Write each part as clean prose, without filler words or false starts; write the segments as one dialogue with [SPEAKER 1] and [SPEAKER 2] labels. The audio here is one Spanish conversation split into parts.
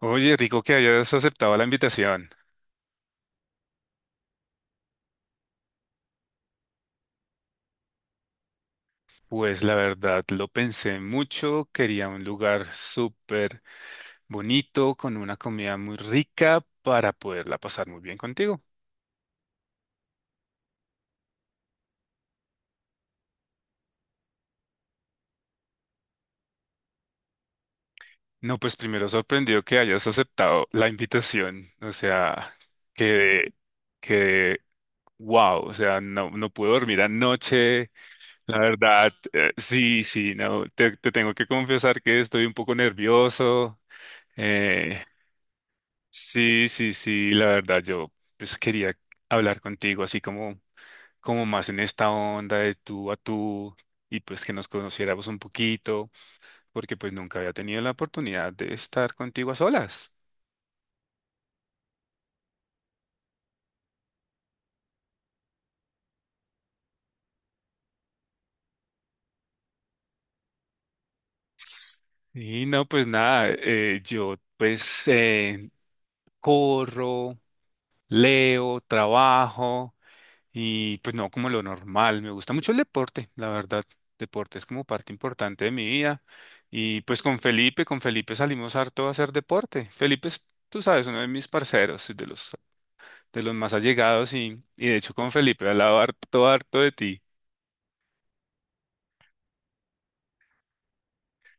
[SPEAKER 1] Oye, rico que hayas aceptado la invitación. Pues la verdad, lo pensé mucho. Quería un lugar súper bonito, con una comida muy rica para poderla pasar muy bien contigo. No, pues primero sorprendido que hayas aceptado la invitación. O sea, que, que, wow, o sea, no, no puedo dormir anoche. La verdad, sí, sí, no, te tengo que confesar que estoy un poco nervioso. eh, Sí, sí, sí, la verdad yo pues quería hablar contigo así como más en esta onda de tú a tú y pues que nos conociéramos un poquito porque pues nunca había tenido la oportunidad de estar contigo a solas. Y no, pues nada, yo pues corro, leo, trabajo. Y pues no, como lo normal, me gusta mucho el deporte, la verdad. Deporte es como parte importante de mi vida. Y pues con Felipe salimos harto a hacer deporte. Felipe es, tú sabes, uno de mis parceros, de los más allegados y, de hecho con Felipe he hablado harto, harto de ti.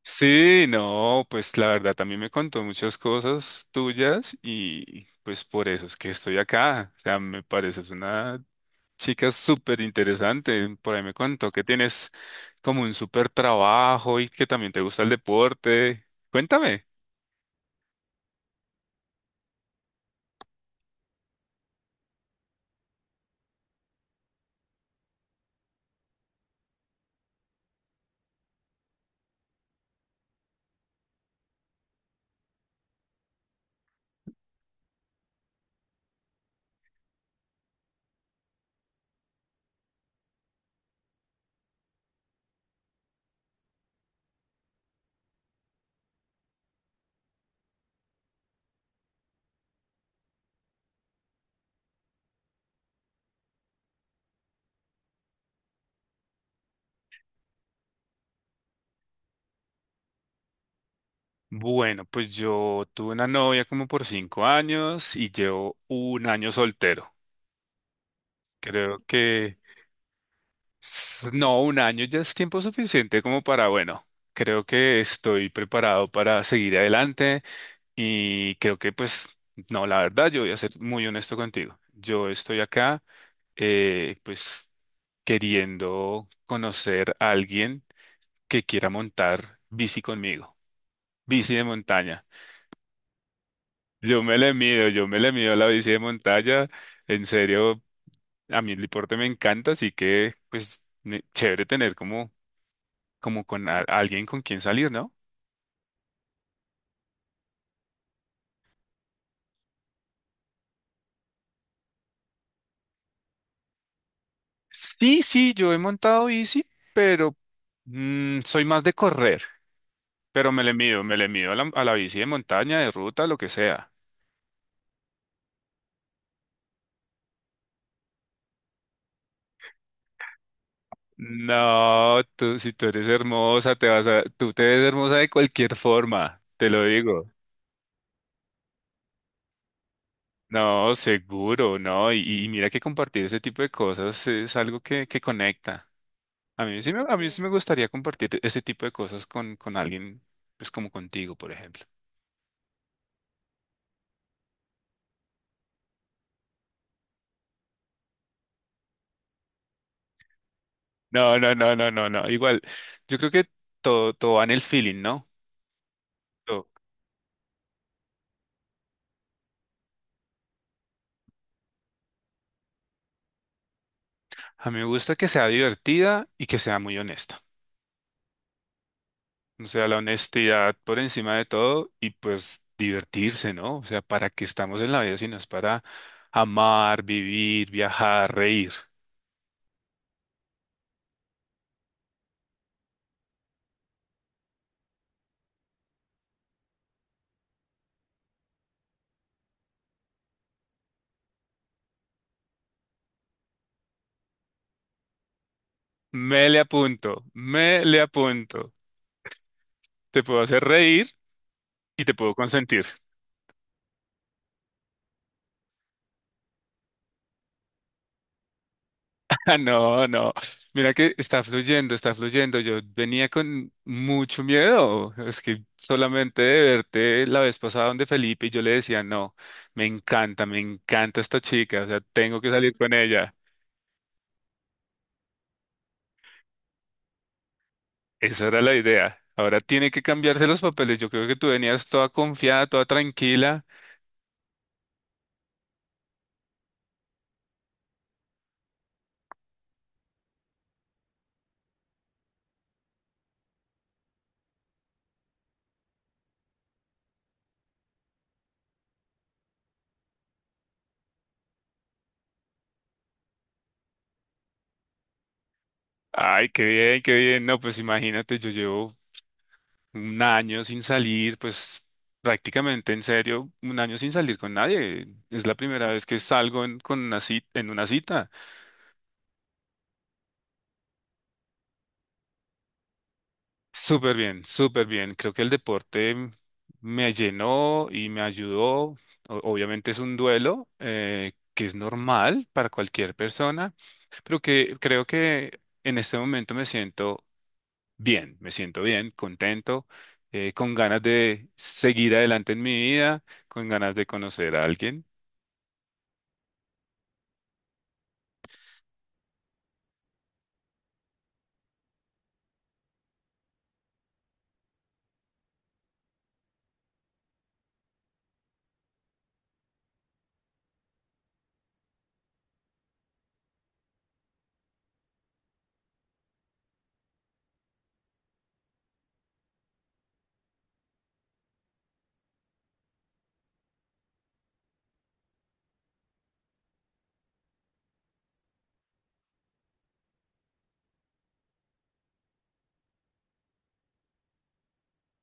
[SPEAKER 1] Sí, no, pues la verdad también me contó muchas cosas tuyas y pues por eso es que estoy acá. O sea, me pareces una chica súper interesante. Por ahí me contó que tienes como un súper trabajo y que también te gusta el deporte. Cuéntame. Bueno, pues yo tuve una novia como por 5 años y llevo un año soltero. Creo que no, un año ya es tiempo suficiente como para, bueno, creo que estoy preparado para seguir adelante y creo que pues, no, la verdad, yo voy a ser muy honesto contigo. Yo estoy acá. Pues queriendo conocer a alguien que quiera montar bici conmigo, bici de montaña. Yo me le mido, yo me le mido a la bici de montaña, en serio, a mí el deporte me encanta, así que pues chévere tener como con alguien con quien salir, ¿no? Sí, sí, yo he montado bici, pero soy más de correr, pero me le mido a a la bici de montaña, de ruta, lo que sea. No, tú, si tú eres hermosa, tú te ves hermosa de cualquier forma, te lo digo. No, seguro, no. Y, mira que compartir ese tipo de cosas es algo que conecta. A mí sí, Sí, me gustaría compartir ese tipo de cosas con alguien, pues como contigo, por ejemplo. No, no, no, no, no, no. Igual, yo creo que todo, todo va en el feeling, ¿no? Todo. A mí me gusta que sea divertida y que sea muy honesta. O sea, la honestidad por encima de todo y pues divertirse, ¿no? O sea, ¿para qué estamos en la vida si no es para amar, vivir, viajar, reír? Me le apunto, me le apunto. Te puedo hacer reír y te puedo consentir. Ah, no, no. Mira que está fluyendo, está fluyendo. Yo venía con mucho miedo. Es que solamente de verte la vez pasada donde Felipe y yo le decía, no, me encanta esta chica, o sea, tengo que salir con ella. Esa era la idea. Ahora tiene que cambiarse los papeles. Yo creo que tú venías toda confiada, toda tranquila. Ay, qué bien, qué bien. No, pues imagínate, yo llevo un año sin salir, pues prácticamente en serio, un año sin salir con nadie. Es la primera vez que salgo con una cita, en una cita. Súper bien, súper bien. Creo que el deporte me llenó y me ayudó. Obviamente es un duelo que es normal para cualquier persona, pero que creo que en este momento me siento bien, contento, con ganas de seguir adelante en mi vida, con ganas de conocer a alguien.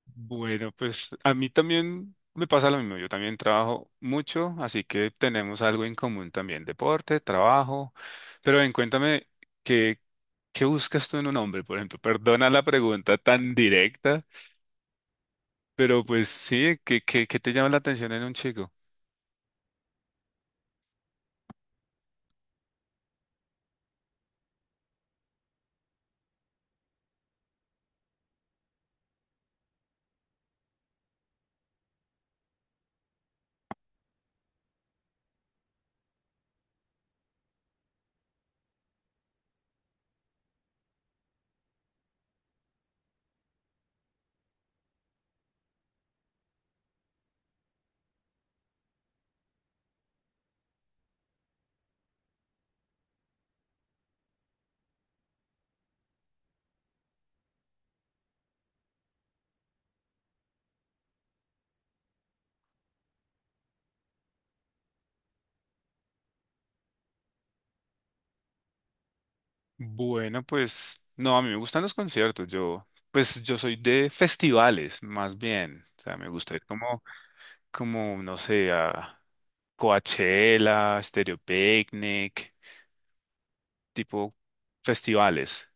[SPEAKER 1] Bueno, pues a mí también me pasa lo mismo. Yo también trabajo mucho, así que tenemos algo en común también, deporte, trabajo. Pero ven, cuéntame, ¿qué, qué buscas tú en un hombre, por ejemplo? Perdona la pregunta tan directa, pero pues sí, qué te llama la atención en un chico? Bueno, pues no, a mí me gustan los conciertos. Pues yo soy de festivales, más bien. O sea, me gusta ir como, no sé, a Coachella, Stereo Picnic, tipo festivales.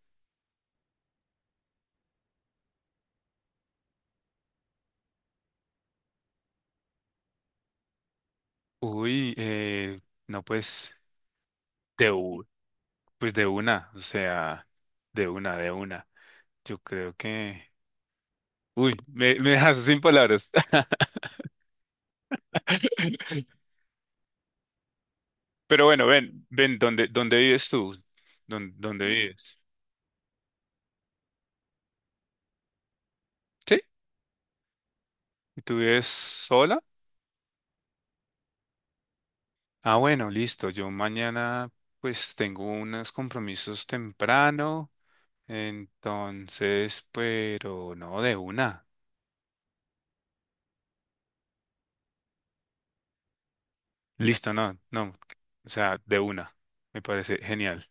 [SPEAKER 1] Uy, no, pues de, u- pues de una, o sea, de una, de una. Yo creo que. Uy, me dejas sin palabras. Pero bueno, ven, ven, dónde vives tú? Dónde vives? ¿Sí? ¿Y tú vives sola? Ah, bueno, listo. Yo mañana pues tengo unos compromisos temprano. Entonces, pero no, de una. Listo, no, no. O sea, de una. Me parece genial.